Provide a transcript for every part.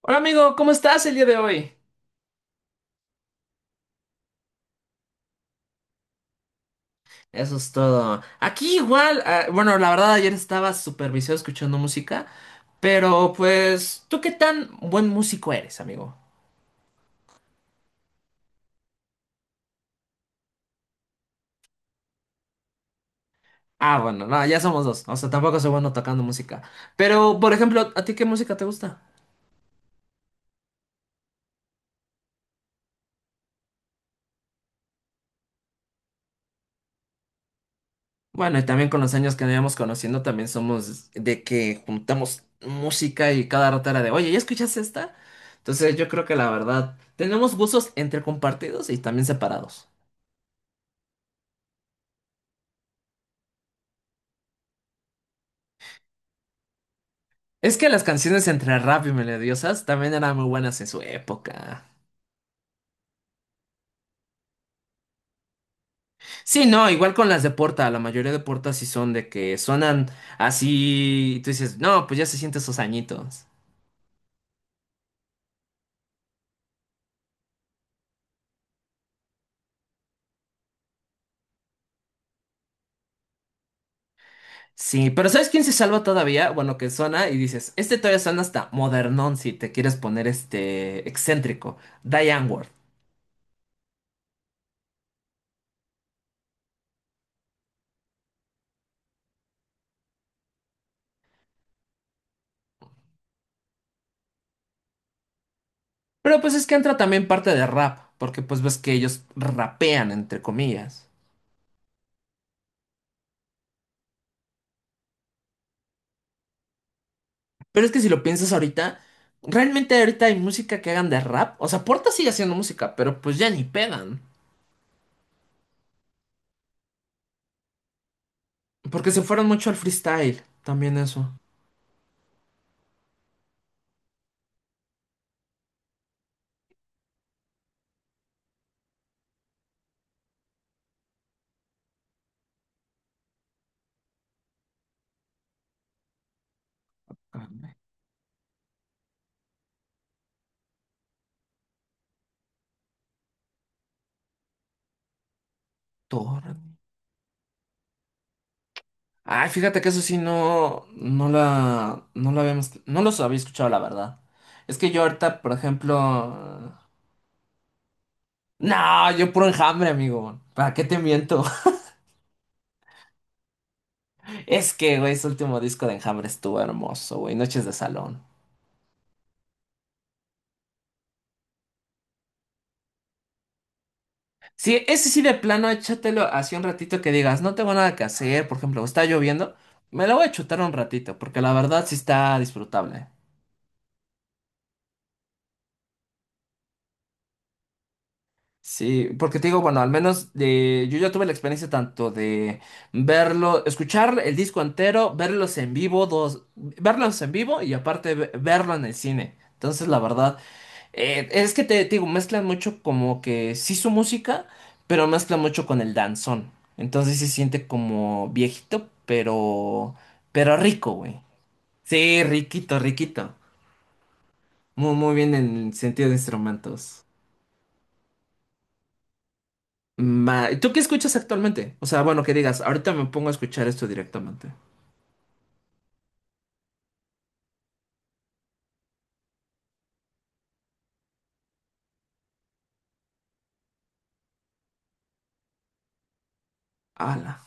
Hola amigo, ¿cómo estás el día de hoy? Eso es todo. Aquí igual, bueno, la verdad ayer estaba súper viciado escuchando música, pero pues, ¿tú qué tan buen músico eres, amigo? Bueno, no, ya somos dos, o sea, tampoco soy bueno tocando música. Pero, por ejemplo, ¿a ti qué música te gusta? Bueno, y también con los años que nos íbamos conociendo, también somos de que juntamos música y cada rato era de, oye, ¿ya escuchas esta? Entonces yo creo que la verdad, tenemos gustos entre compartidos y también separados. Es que las canciones entre rap y melodiosas también eran muy buenas en su época. Sí, no, igual con las de Porta, la mayoría de Porta sí son de que suenan así y tú dices, no, pues ya se sienten esos añitos. Sí, pero ¿sabes quién se salva todavía? Bueno, que suena y dices, este todavía suena hasta modernón si te quieres poner este excéntrico, Diane Ward. Pero pues es que entra también parte de rap, porque pues ves que ellos rapean entre comillas. Pero es que si lo piensas ahorita, realmente ahorita hay música que hagan de rap. O sea, Porta sigue haciendo música, pero pues ya ni pegan. Porque se fueron mucho al freestyle, también eso. Carne, torne. Ay, fíjate que eso sí no la habíamos, no los había escuchado, la verdad. Es que yo ahorita, por ejemplo, no, yo puro Enjambre, amigo. ¿Para qué te miento? Es que, güey, ese último disco de Enjambre estuvo hermoso, güey. Noches de salón. Sí, ese sí de plano, échatelo así un ratito que digas, no tengo nada que hacer, por ejemplo, está lloviendo, me lo voy a chutar un ratito, porque la verdad sí está disfrutable. Sí, porque te digo, bueno, al menos de, yo ya tuve la experiencia tanto de verlo, escuchar el disco entero, verlos en vivo, dos, verlos en vivo y aparte verlo en el cine. Entonces, la verdad, es que te, digo, mezclan mucho como que sí su música, pero mezclan mucho con el danzón. Entonces sí se siente como viejito, pero rico, güey. Sí, riquito, riquito. Muy, muy bien en el sentido de instrumentos. ¿Tú qué escuchas actualmente? O sea, bueno, que digas, ahorita me pongo a escuchar esto directamente. Ala.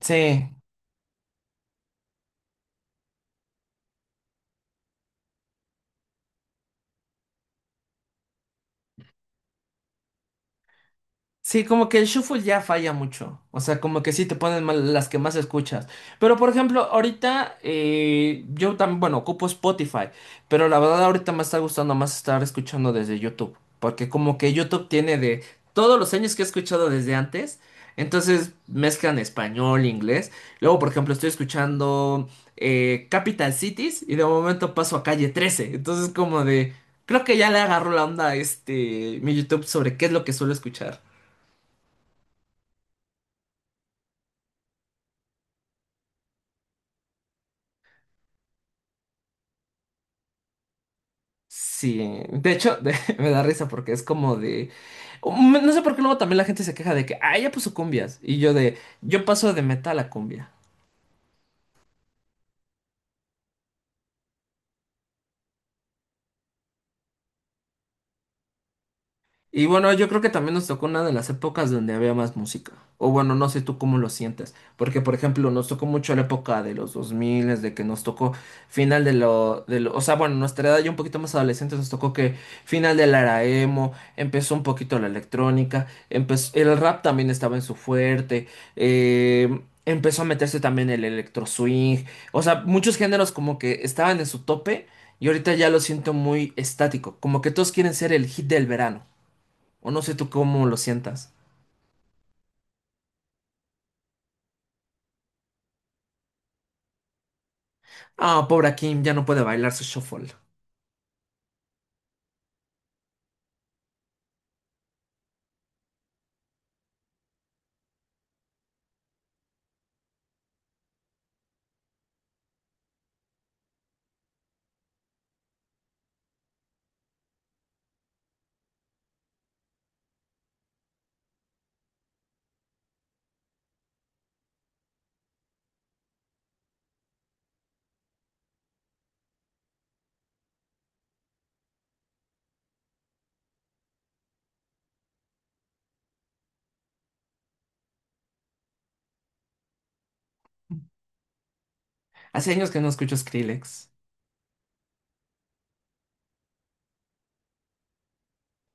Sí. Sí, como que el shuffle ya falla mucho. O sea, como que sí te ponen mal las que más escuchas. Pero por ejemplo, ahorita yo también, bueno, ocupo Spotify. Pero la verdad, ahorita me está gustando más estar escuchando desde YouTube. Porque como que YouTube tiene de todos los años que he escuchado desde antes. Entonces mezclan español, inglés. Luego, por ejemplo, estoy escuchando Capital Cities y de momento paso a calle trece. Entonces, como de. Creo que ya le agarró la onda a este mi YouTube sobre qué es lo que suelo escuchar. Sí, de hecho, me da risa porque es como de no sé por qué luego también la gente se queja de que, ah, ya puso cumbias. Y yo de, yo paso de metal a cumbia. Y bueno, yo creo que también nos tocó una de las épocas donde había más música. O bueno, no sé tú cómo lo sientes. Porque, por ejemplo, nos tocó mucho la época de los 2000, de que nos tocó final de lo- O sea, bueno, nuestra edad ya un poquito más adolescente nos tocó que final de la era emo, empezó un poquito la electrónica, empezó, el rap también estaba en su fuerte, eh, empezó a meterse también el electro swing. O sea, muchos géneros como que estaban en su tope y ahorita ya lo siento muy estático. Como que todos quieren ser el hit del verano. O no sé tú cómo lo sientas. Ah, pobre Kim, ya no puede bailar su shuffle. Hace años que no escucho Skrillex.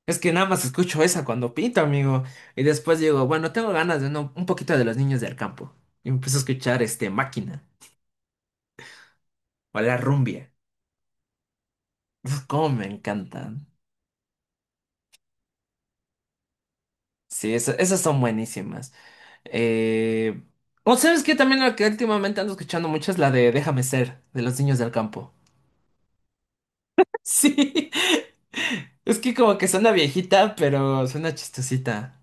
Es que nada más escucho esa cuando pinto, amigo. Y después digo, bueno, tengo ganas de un poquito de los niños del campo. Y empiezo a escuchar este Máquina o la Rumbia. Uf, cómo me encantan. Sí, esas son buenísimas. Eh... O sabes que también la que últimamente ando escuchando mucho es la de Déjame ser, de los niños del campo. Sí. Es que como que suena viejita, pero suena chistosita.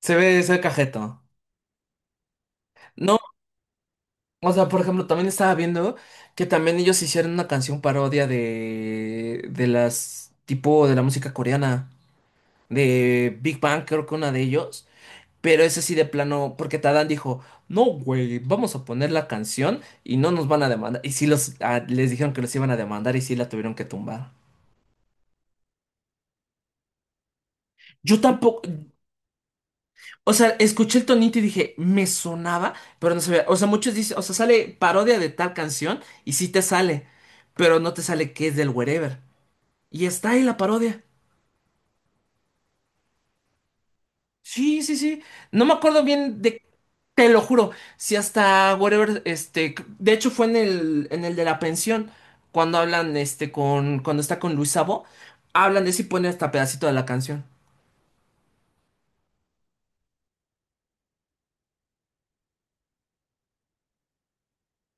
Se ve cajeto. No, o sea, por ejemplo, también estaba viendo que también ellos hicieron una canción parodia de las, tipo de la música coreana, de Big Bang, creo que una de ellos, pero ese sí de plano, porque Tadán dijo, no, güey, vamos a poner la canción y no nos van a demandar. Y sí los, les dijeron que los iban a demandar y sí la tuvieron que tumbar. Yo tampoco, o sea, escuché el tonito y dije, me sonaba, pero no sabía. O sea, muchos dicen, o sea, sale parodia de tal canción y sí te sale, pero no te sale que es del Wherever. Y está ahí la parodia. Sí, sí, sí. No me acuerdo bien de, te lo juro, si hasta Wherever, este, de hecho fue en el de la pensión, cuando hablan, este, con, cuando está con Luis Sabo, hablan de eso y ponen hasta pedacito de la canción.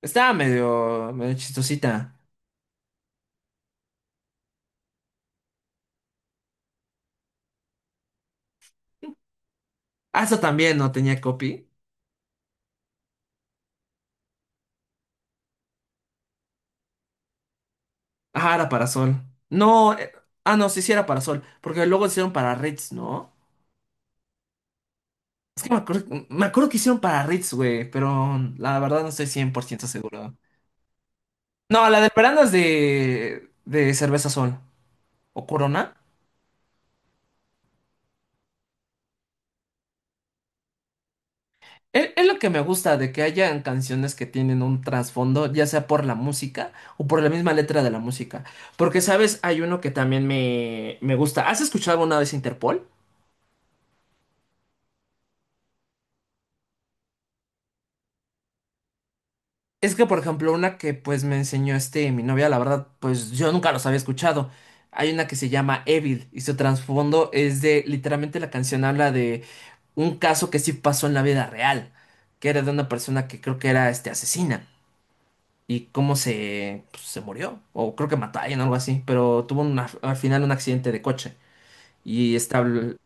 Estaba medio, medio chistosita. Ah, eso también no tenía copy. Ah, era para Sol. No, ah, no, sí, sí era para Sol. Porque luego hicieron para Ritz, ¿no? Es que me acuerdo que hicieron para Ritz, güey, pero la verdad no estoy cien por ciento seguro. No, la del verano es de Cerveza Sol o Corona. Es lo que me gusta de que hayan canciones que tienen un trasfondo, ya sea por la música o por la misma letra de la música. Porque, ¿sabes? Hay uno que también me gusta. ¿Has escuchado alguna vez Interpol? Es que, por ejemplo, una que pues me enseñó este mi novia, la verdad, pues yo nunca los había escuchado. Hay una que se llama Evil y su trasfondo es de, literalmente la canción habla de un caso que sí pasó en la vida real, que era de una persona que creo que era este asesina y cómo se, pues, se murió, o creo que mató a alguien, algo así, pero tuvo al final un accidente de coche y está,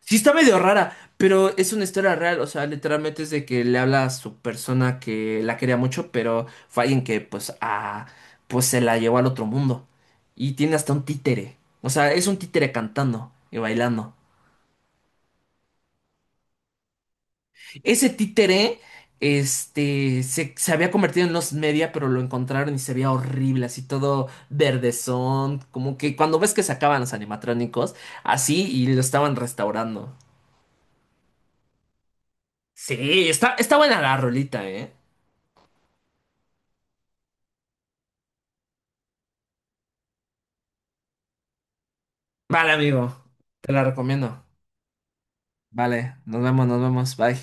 sí está medio rara, pero es una historia real, o sea, literalmente es de que le habla a su persona que la quería mucho, pero fue alguien que pues a pues se la llevó al otro mundo y tiene hasta un títere. O sea, es un títere cantando y bailando. Ese títere este se, se había convertido en los media, pero lo encontraron y se veía horrible, así todo verdezón, como que cuando ves que sacaban los animatrónicos, así y lo estaban restaurando. Sí, está está buena la rolita, ¿eh? Vale, amigo, te la recomiendo. Vale, nos vemos, bye.